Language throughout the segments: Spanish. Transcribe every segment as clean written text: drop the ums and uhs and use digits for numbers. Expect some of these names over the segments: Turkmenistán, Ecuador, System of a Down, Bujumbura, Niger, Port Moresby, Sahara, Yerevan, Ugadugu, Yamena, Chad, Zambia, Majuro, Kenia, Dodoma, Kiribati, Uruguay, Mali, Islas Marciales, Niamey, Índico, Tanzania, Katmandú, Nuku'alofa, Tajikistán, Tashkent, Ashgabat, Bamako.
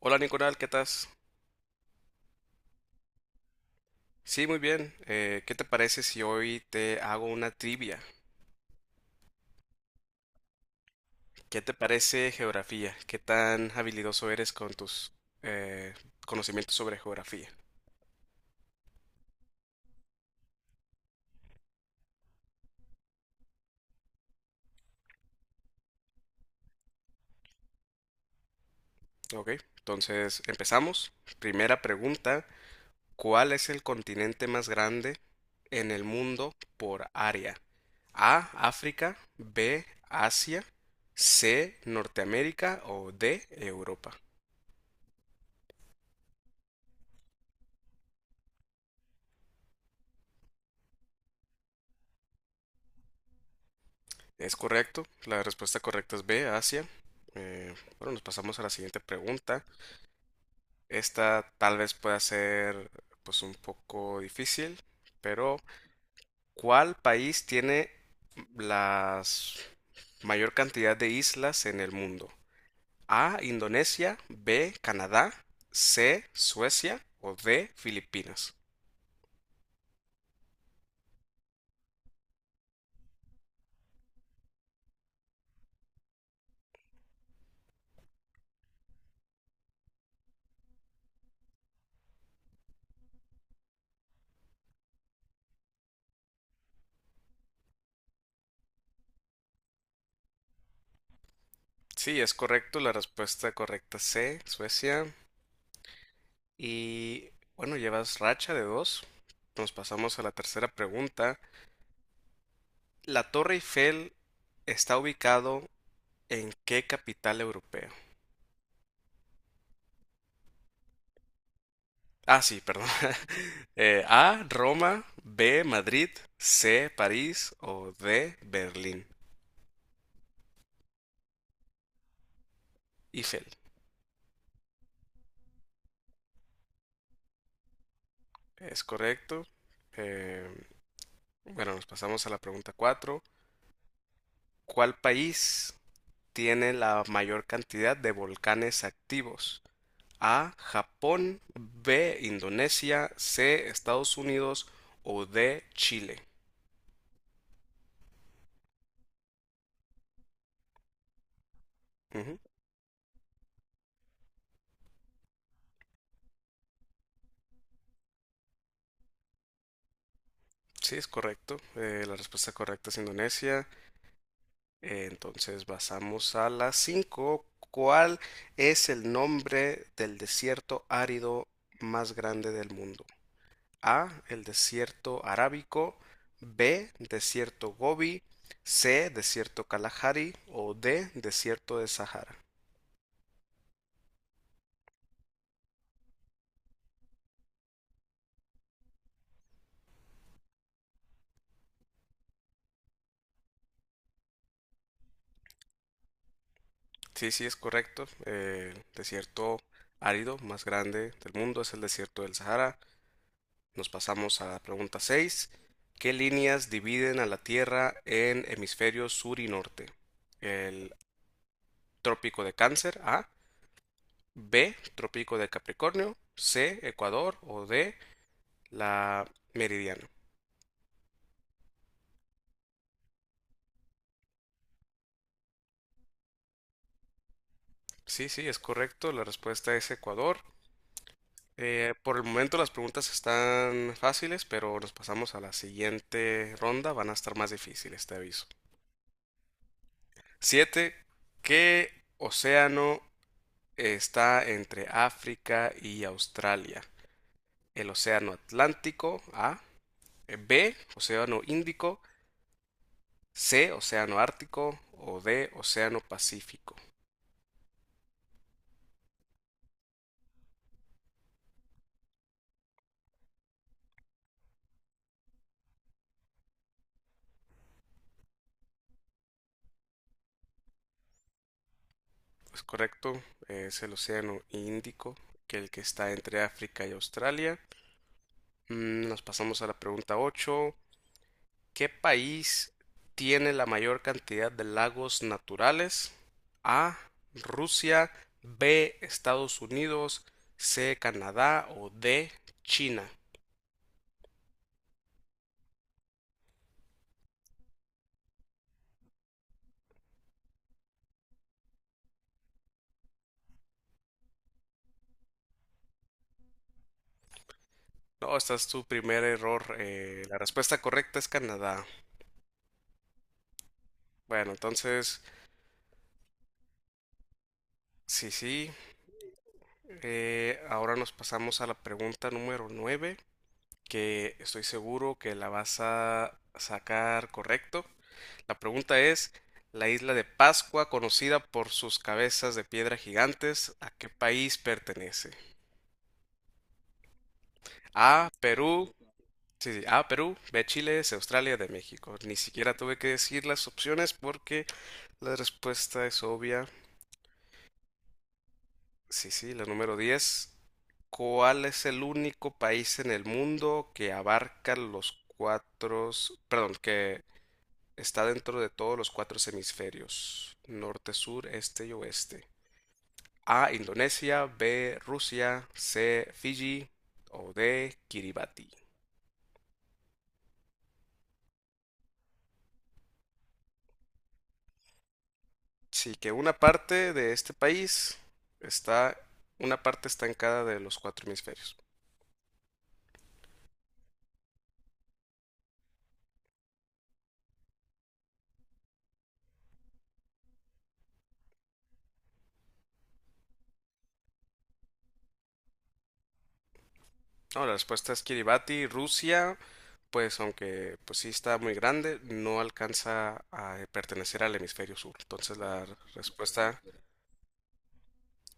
Hola Nicolás, ¿qué estás? Sí, muy bien. ¿Qué te parece si hoy te hago una trivia? ¿Qué te parece geografía? ¿Qué tan habilidoso eres con tus eh, conocimientos sobre geografía? Ok, entonces empezamos. Primera pregunta, ¿cuál es el continente más grande en el mundo por área? A, África; B, Asia; C, Norteamérica; o D, Europa. Es correcto, la respuesta correcta es B, Asia. Eh, bueno, nos pasamos a la siguiente pregunta. Esta tal vez pueda ser pues un poco difícil, pero ¿cuál país tiene la mayor cantidad de islas en el mundo? A, Indonesia; B, Canadá; C, Suecia; o D, Filipinas. Sí, es correcto, la respuesta correcta es C, Suecia. Y bueno, llevas racha de dos. Nos pasamos a la tercera pregunta. ¿La Torre Eiffel está ubicado en qué capital europea? Ah, sí, perdón. A, Roma; B, Madrid; C, París; o D, Berlín. Eiffel, es correcto. Eh, bueno, nos pasamos a la pregunta 4. ¿Cuál país tiene la mayor cantidad de volcanes activos? A, Japón. B, Indonesia. C, Estados Unidos. O D, Chile. Ujú. Sí, es correcto. La respuesta correcta es Indonesia. Entonces pasamos a la 5. ¿Cuál es el nombre del desierto árido más grande del mundo? A, el desierto arábico. B, desierto Gobi. C, desierto Kalahari. O D, desierto de Sahara. Sí, sí, es correcto. El desierto árido más grande del mundo es el desierto del Sahara. Nos pasamos a la pregunta 6. ¿Qué líneas dividen a la Tierra en hemisferios sur y norte? El trópico de Cáncer, A. B, trópico de Capricornio. C, Ecuador. O D, la meridiana. Sí, sí, es correcto. La respuesta es Ecuador. Por el momento las preguntas están fáciles, pero nos pasamos a la siguiente ronda. Van a estar más difíciles, te aviso. Siete, ¿qué océano está entre África y Australia? El océano Atlántico, A. B, océano Índico. C, océano Ártico. O D, océano Pacífico. Es correcto, es el océano Índico, que el que está entre África y Australia. Nos pasamos a la pregunta 8. ¿Qué país tiene la mayor cantidad de lagos naturales? A, Rusia. B, Estados Unidos. C, Canadá. O D, China. No, esta es tu primer error. La respuesta correcta es Canadá. Bueno, entonces, sí, sí. Ahora nos pasamos a la pregunta número 9, que estoy seguro que la vas a sacar correcto. La pregunta es, la isla de Pascua, conocida por sus cabezas de piedra gigantes, ¿a qué país pertenece? A, Perú, sí, sí, A, Perú; B, Chile; C, Australia; D, México. Ni siquiera tuve que decir las opciones porque la respuesta es obvia. Sí, sí, la número 10. ¿Cuál es el único país en el mundo que abarca los cuatro, perdón, que está dentro de todos los cuatro hemisferios? Norte, sur, este y oeste. A, Indonesia. B, Rusia. C, Fiji. O D, Kiribati. Sí, que una parte de este país está. Una parte está en cada de los cuatro hemisferios. No, la respuesta es Kiribati, Rusia. Pues aunque pues sí está muy grande, no alcanza a pertenecer al hemisferio sur. Entonces la respuesta,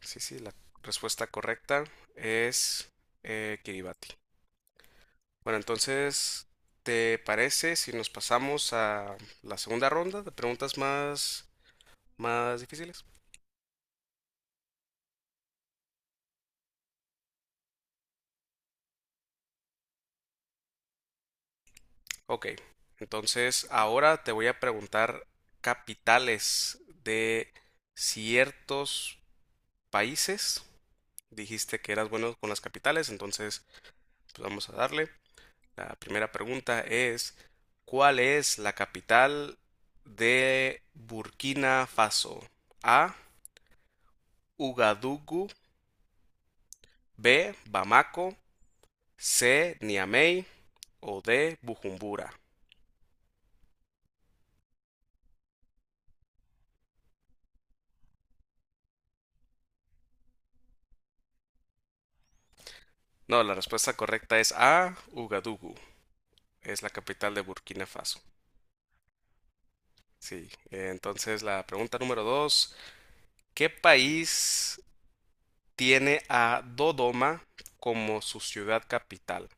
sí, sí, la respuesta correcta es Kiribati. Bueno, entonces, ¿te parece si nos pasamos a la segunda ronda de preguntas más difíciles? Ok, entonces ahora te voy a preguntar capitales de ciertos países. Dijiste que eras bueno con las capitales, entonces pues vamos a darle. La primera pregunta es, ¿cuál es la capital de Burkina Faso? A, Ugadugu; B, Bamako; C, Niamey; o D, Bujumbura. No, la respuesta correcta es A, Ugadugu. Es la capital de Burkina Faso. Sí. Entonces, la pregunta número dos. ¿Qué país tiene a Dodoma como su ciudad capital?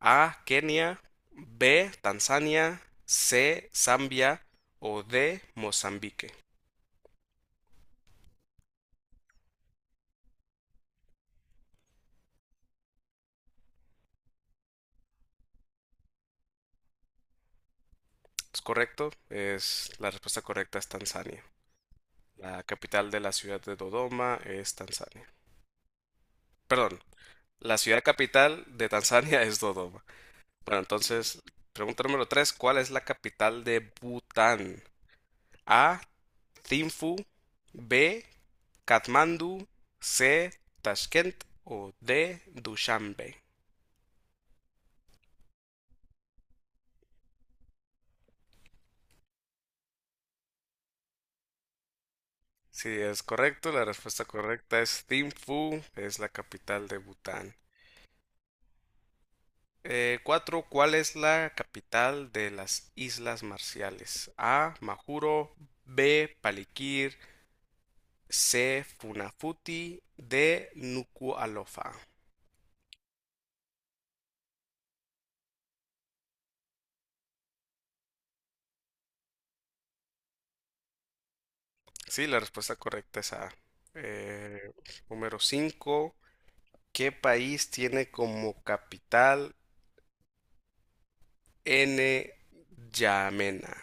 A, Kenia. B, Tanzania. C, Zambia. O D, Mozambique. ¿Es correcto? Es, la respuesta correcta es Tanzania. La capital de la ciudad de Dodoma es Tanzania. Perdón, la ciudad capital de Tanzania es Dodoma. Bueno, entonces, pregunta número 3: ¿cuál es la capital de Bután? A, Thimphu; B, Katmandú; C, Tashkent; o D, Dushanbe. Si es correcto, la respuesta correcta es Thimphu, es la capital de Bután. Cuatro, ¿cuál es la capital de las Islas Marciales? A, Majuro; B, Palikir; C, Funafuti; D, Nuku'alofa. Sí, la respuesta correcta es A. Eh, Número 5, ¿qué país tiene como capital N. Yamena?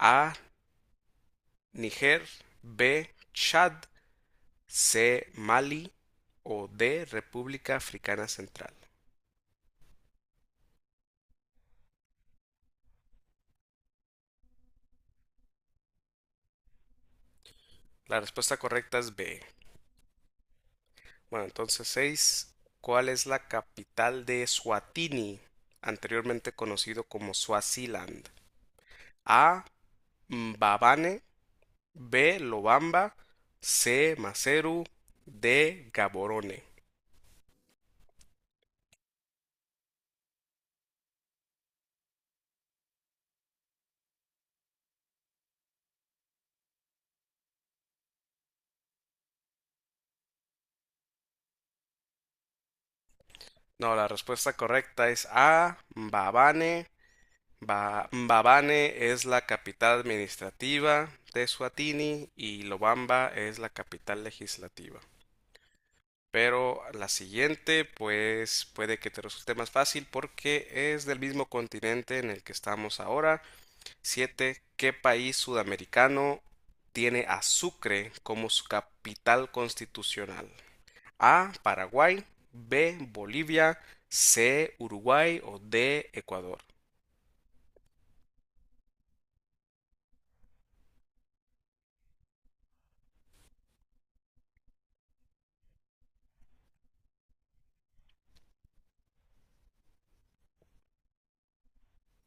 A, Niger. B, Chad. C, Mali. O D, República Africana Central. La respuesta correcta es B. Bueno, entonces 6, ¿cuál es la capital de Suatini, anteriormente conocido como Suaziland? A, Mbabane. B, Lobamba. C, Maseru. D, Gaborone. No, la respuesta correcta es A, Mbabane. Ba- Mbabane es la capital administrativa de Suatini y Lobamba es la capital legislativa. Pero la siguiente, pues puede que te resulte más fácil porque es del mismo continente en el que estamos ahora. Siete, ¿qué país sudamericano tiene a Sucre como su capital constitucional? A, Paraguay. B, Bolivia. C, Uruguay. O D, Ecuador.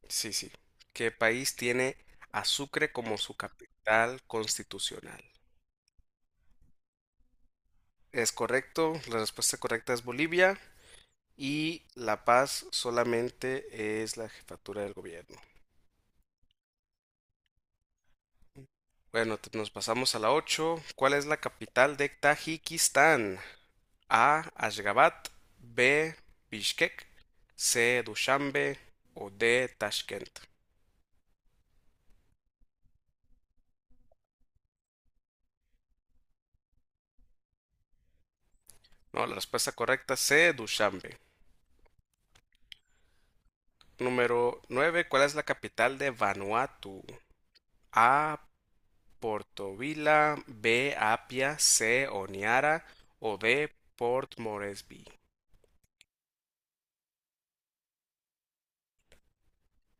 Sí, sí. ¿Qué país tiene a Sucre como su capital constitucional? Es correcto. La respuesta correcta es Bolivia. Y La Paz solamente es la jefatura del gobierno. Bueno, te- nos pasamos a la ocho. ¿Cuál es la capital de Tajikistán? A, Ashgabat; B, Bishkek; C, Dushanbe; o D, Tashkent. No, la respuesta correcta C, Dushanbe. Número 9, ¿cuál es la capital de Vanuatu? A, Portovila; B, Apia; C, Oniara; o D, Port Moresby.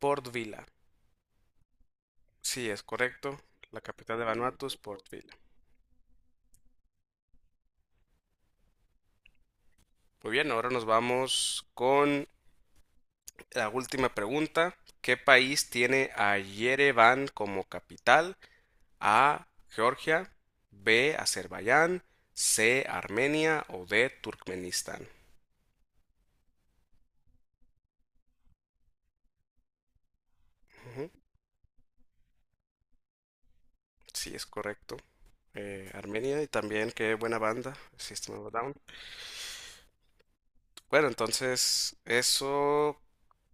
Port Vila. Sí, es correcto. La capital de Vanuatu es Port Vila. Muy bien, ahora nos vamos con la última pregunta. ¿Qué país tiene a Yerevan como capital? A, Georgia. B, Azerbaiyán. C, Armenia. O D, Turkmenistán. Ujú. Sí, es correcto. Armenia y también qué buena banda, System of a Down. Bueno, entonces eso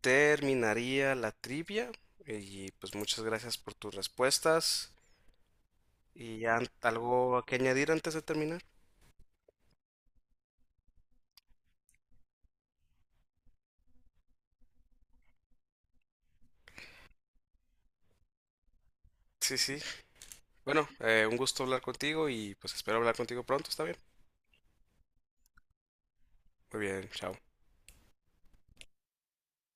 terminaría la trivia. Y pues muchas gracias por tus respuestas. ¿Y an- algo que añadir antes de terminar? Sí, sí. Bueno, un gusto hablar contigo y pues espero hablar contigo pronto, ¿está bien? Muy bien, chao.